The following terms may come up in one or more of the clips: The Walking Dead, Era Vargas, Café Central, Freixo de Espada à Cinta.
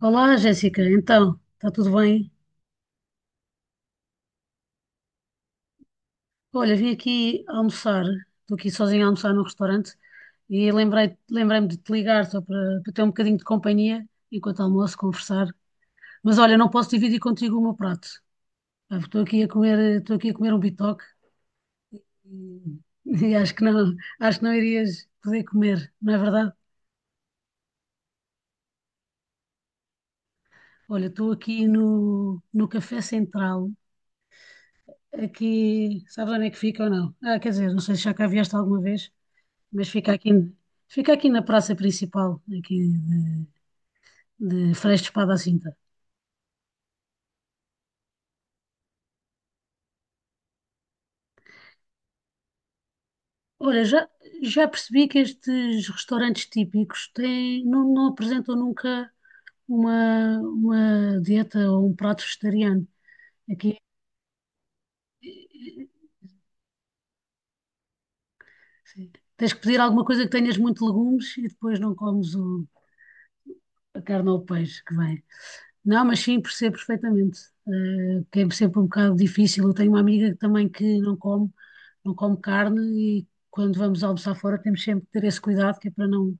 Olá, Jéssica. Então, está tudo bem? Olha, vim aqui almoçar. Estou aqui sozinha a almoçar num restaurante e lembrei-me de te ligar só para ter um bocadinho de companhia enquanto almoço, conversar. Mas olha, não posso dividir contigo o meu prato. Estou aqui a comer um bitoque e, e acho que não irias poder comer, não é verdade? Olha, estou aqui no Café Central. Aqui, sabes onde é que fica ou não? Ah, quer dizer, não sei se já cá vieste alguma vez. Mas fica aqui na praça principal, aqui de Freixo de Espada à Cinta. Olha, já, já percebi que estes restaurantes típicos têm, não apresentam nunca uma dieta ou um prato vegetariano. Aqui, eh, eh, sim. Tens que pedir alguma coisa que tenhas muito legumes e depois não comes a carne ou o peixe que vem. Não, mas sim, percebo perfeitamente. Que é sempre um bocado difícil. Eu tenho uma amiga também que não come, não come carne e quando vamos almoçar fora temos sempre que ter esse cuidado que é para não,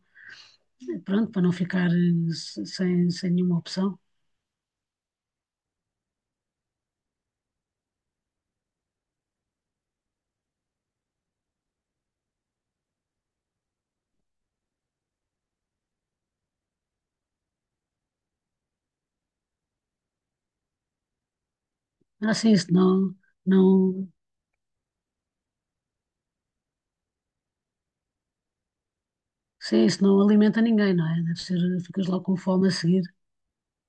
pronto, para não ficar sem, sem nenhuma opção. Ah, sim, isso não, não, sim, isso não alimenta ninguém, não é? Deve ser, ficas logo com fome a seguir.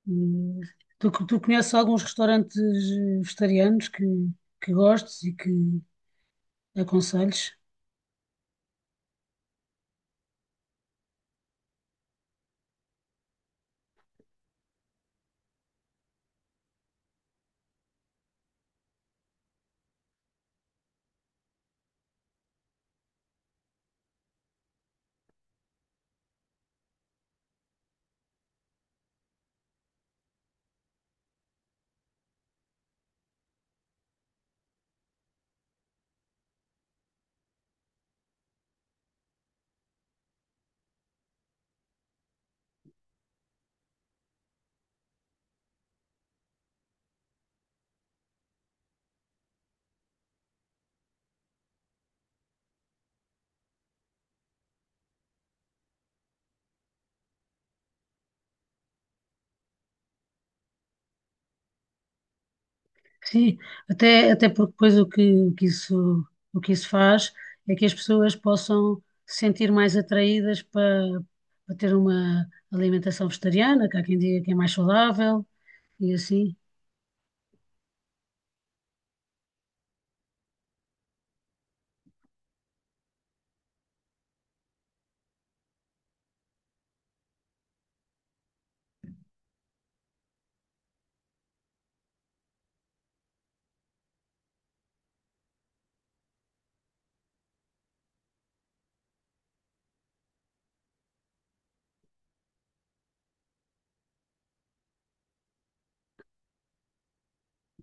E tu conheces alguns restaurantes vegetarianos que gostes e que aconselhes? Sim, até, até porque depois o o que isso faz é que as pessoas possam se sentir mais atraídas para, para ter uma alimentação vegetariana, que há quem diga que é mais saudável e assim.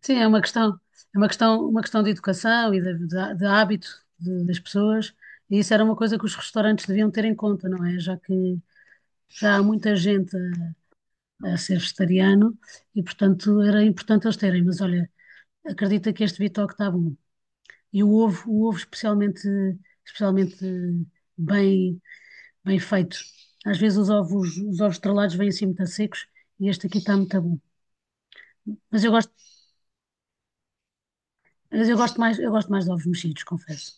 Sim, é uma questão de educação e de hábito das pessoas, e isso era uma coisa que os restaurantes deviam ter em conta, não é? Já que já há muita gente a ser vegetariano e, portanto, era importante eles terem, mas olha, acredita que este bitoque está bom. E o ovo especialmente, especialmente bem, bem feito. Às vezes os ovos estrelados vêm assim muito secos e este aqui está muito bom. Mas eu gosto, mas eu gosto mais de ovos mexidos, confesso.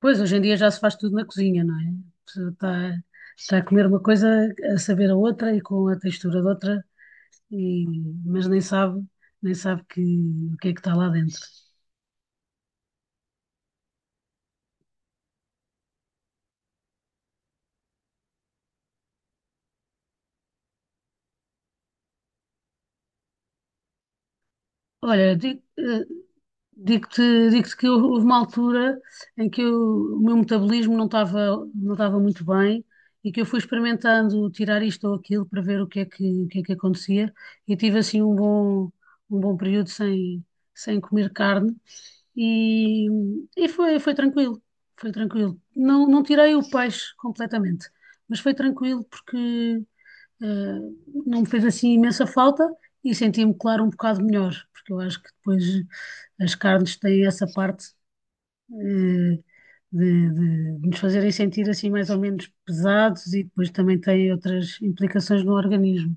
Pois, hoje em dia já se faz tudo na cozinha, não é? A pessoa está, está a comer uma coisa, a saber a outra e com a textura de outra, e, mas nem sabe, nem sabe que, o que é que está lá dentro. Olha, digo-te, digo-te que houve uma altura em que o meu metabolismo não estava, não estava muito bem e que eu fui experimentando tirar isto ou aquilo para ver o que é que, o que é que acontecia e tive assim um bom período sem, sem comer carne e, e foi, foi tranquilo, foi tranquilo. Não, não tirei o peixe completamente, mas foi tranquilo porque eh, não me fez assim imensa falta e senti-me, claro, um bocado melhor, porque eu acho que depois as carnes têm essa parte, eh, de nos fazerem sentir assim mais ou menos pesados e depois também têm outras implicações no organismo.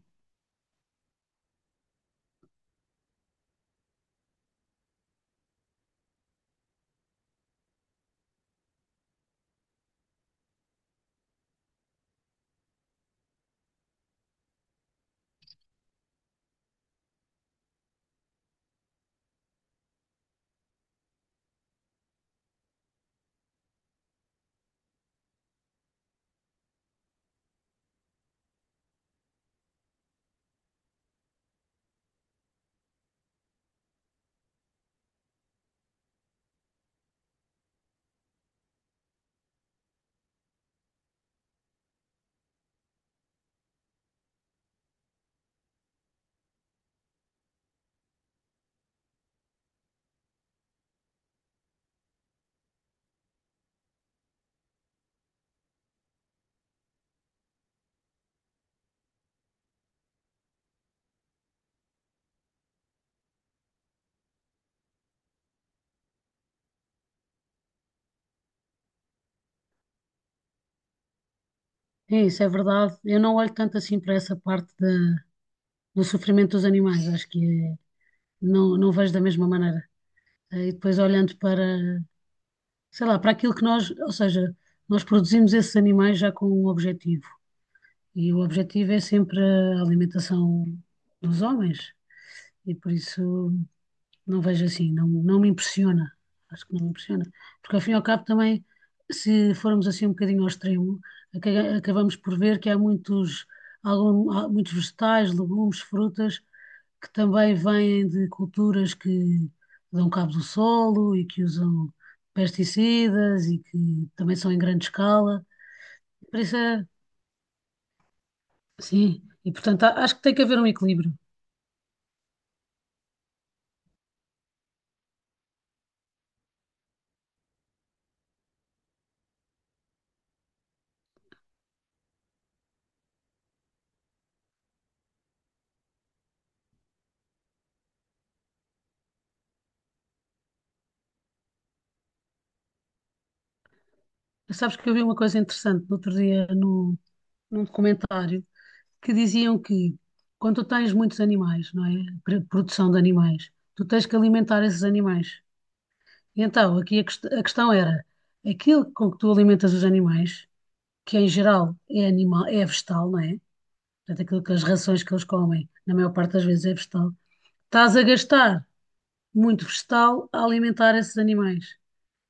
É isso, é verdade. Eu não olho tanto assim para essa parte do sofrimento dos animais, acho que não, não vejo da mesma maneira. E depois olhando para, sei lá, para aquilo que nós, ou seja, nós produzimos esses animais já com um objetivo. E o objetivo é sempre a alimentação dos homens, e por isso não vejo assim, não, não me impressiona. Acho que não me impressiona. Porque ao fim e ao cabo também, se formos assim um bocadinho ao extremo, acabamos por ver que há muitos, algum, há muitos vegetais, legumes, frutas que também vêm de culturas que dão cabo do solo e que usam pesticidas e que também são em grande escala. Por isso é. Sim, e portanto acho que tem que haver um equilíbrio. Sabes que eu vi uma coisa interessante no outro dia no num documentário que diziam que quando tu tens muitos animais, não é? Produção de animais, tu tens que alimentar esses animais. E então aqui a questão era aquilo com que tu alimentas os animais, que em geral é animal, é vegetal, não é? Portanto, aquilo que as rações que eles comem, na maior parte das vezes é vegetal, estás a gastar muito vegetal a alimentar esses animais.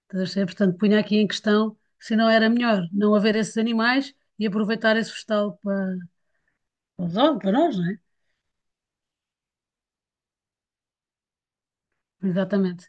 Estás a perceber? Portanto, punha aqui em questão se não era melhor não haver esses animais e aproveitar esse vegetal para, para os homens, para nós, não é? Exatamente,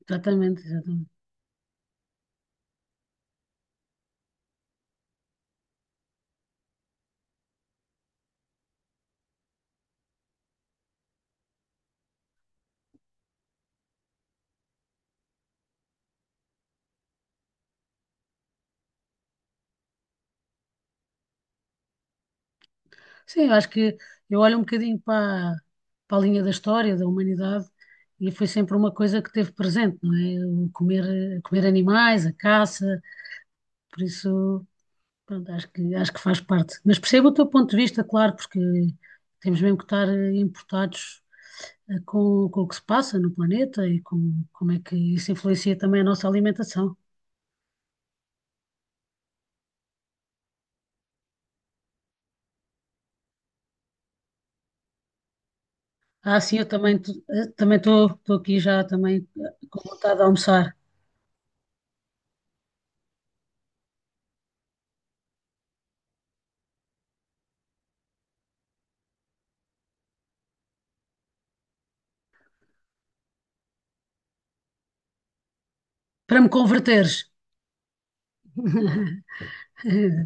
exatamente, exatamente. Sim, eu acho que eu olho um bocadinho para, para a linha da história da humanidade e foi sempre uma coisa que teve presente, não é? O comer, comer animais, a caça, por isso. Pronto, acho que faz parte. Mas percebo o teu ponto de vista, claro, porque temos mesmo que estar importados com o que se passa no planeta e com, como é que isso influencia também a nossa alimentação. Ah, sim, eu também também estou aqui já também com vontade de almoçar, para me converteres.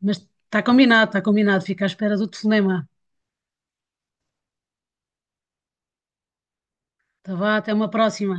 Mas está combinado, está combinado. Fica à espera do telefonema. Tá vá, até uma próxima.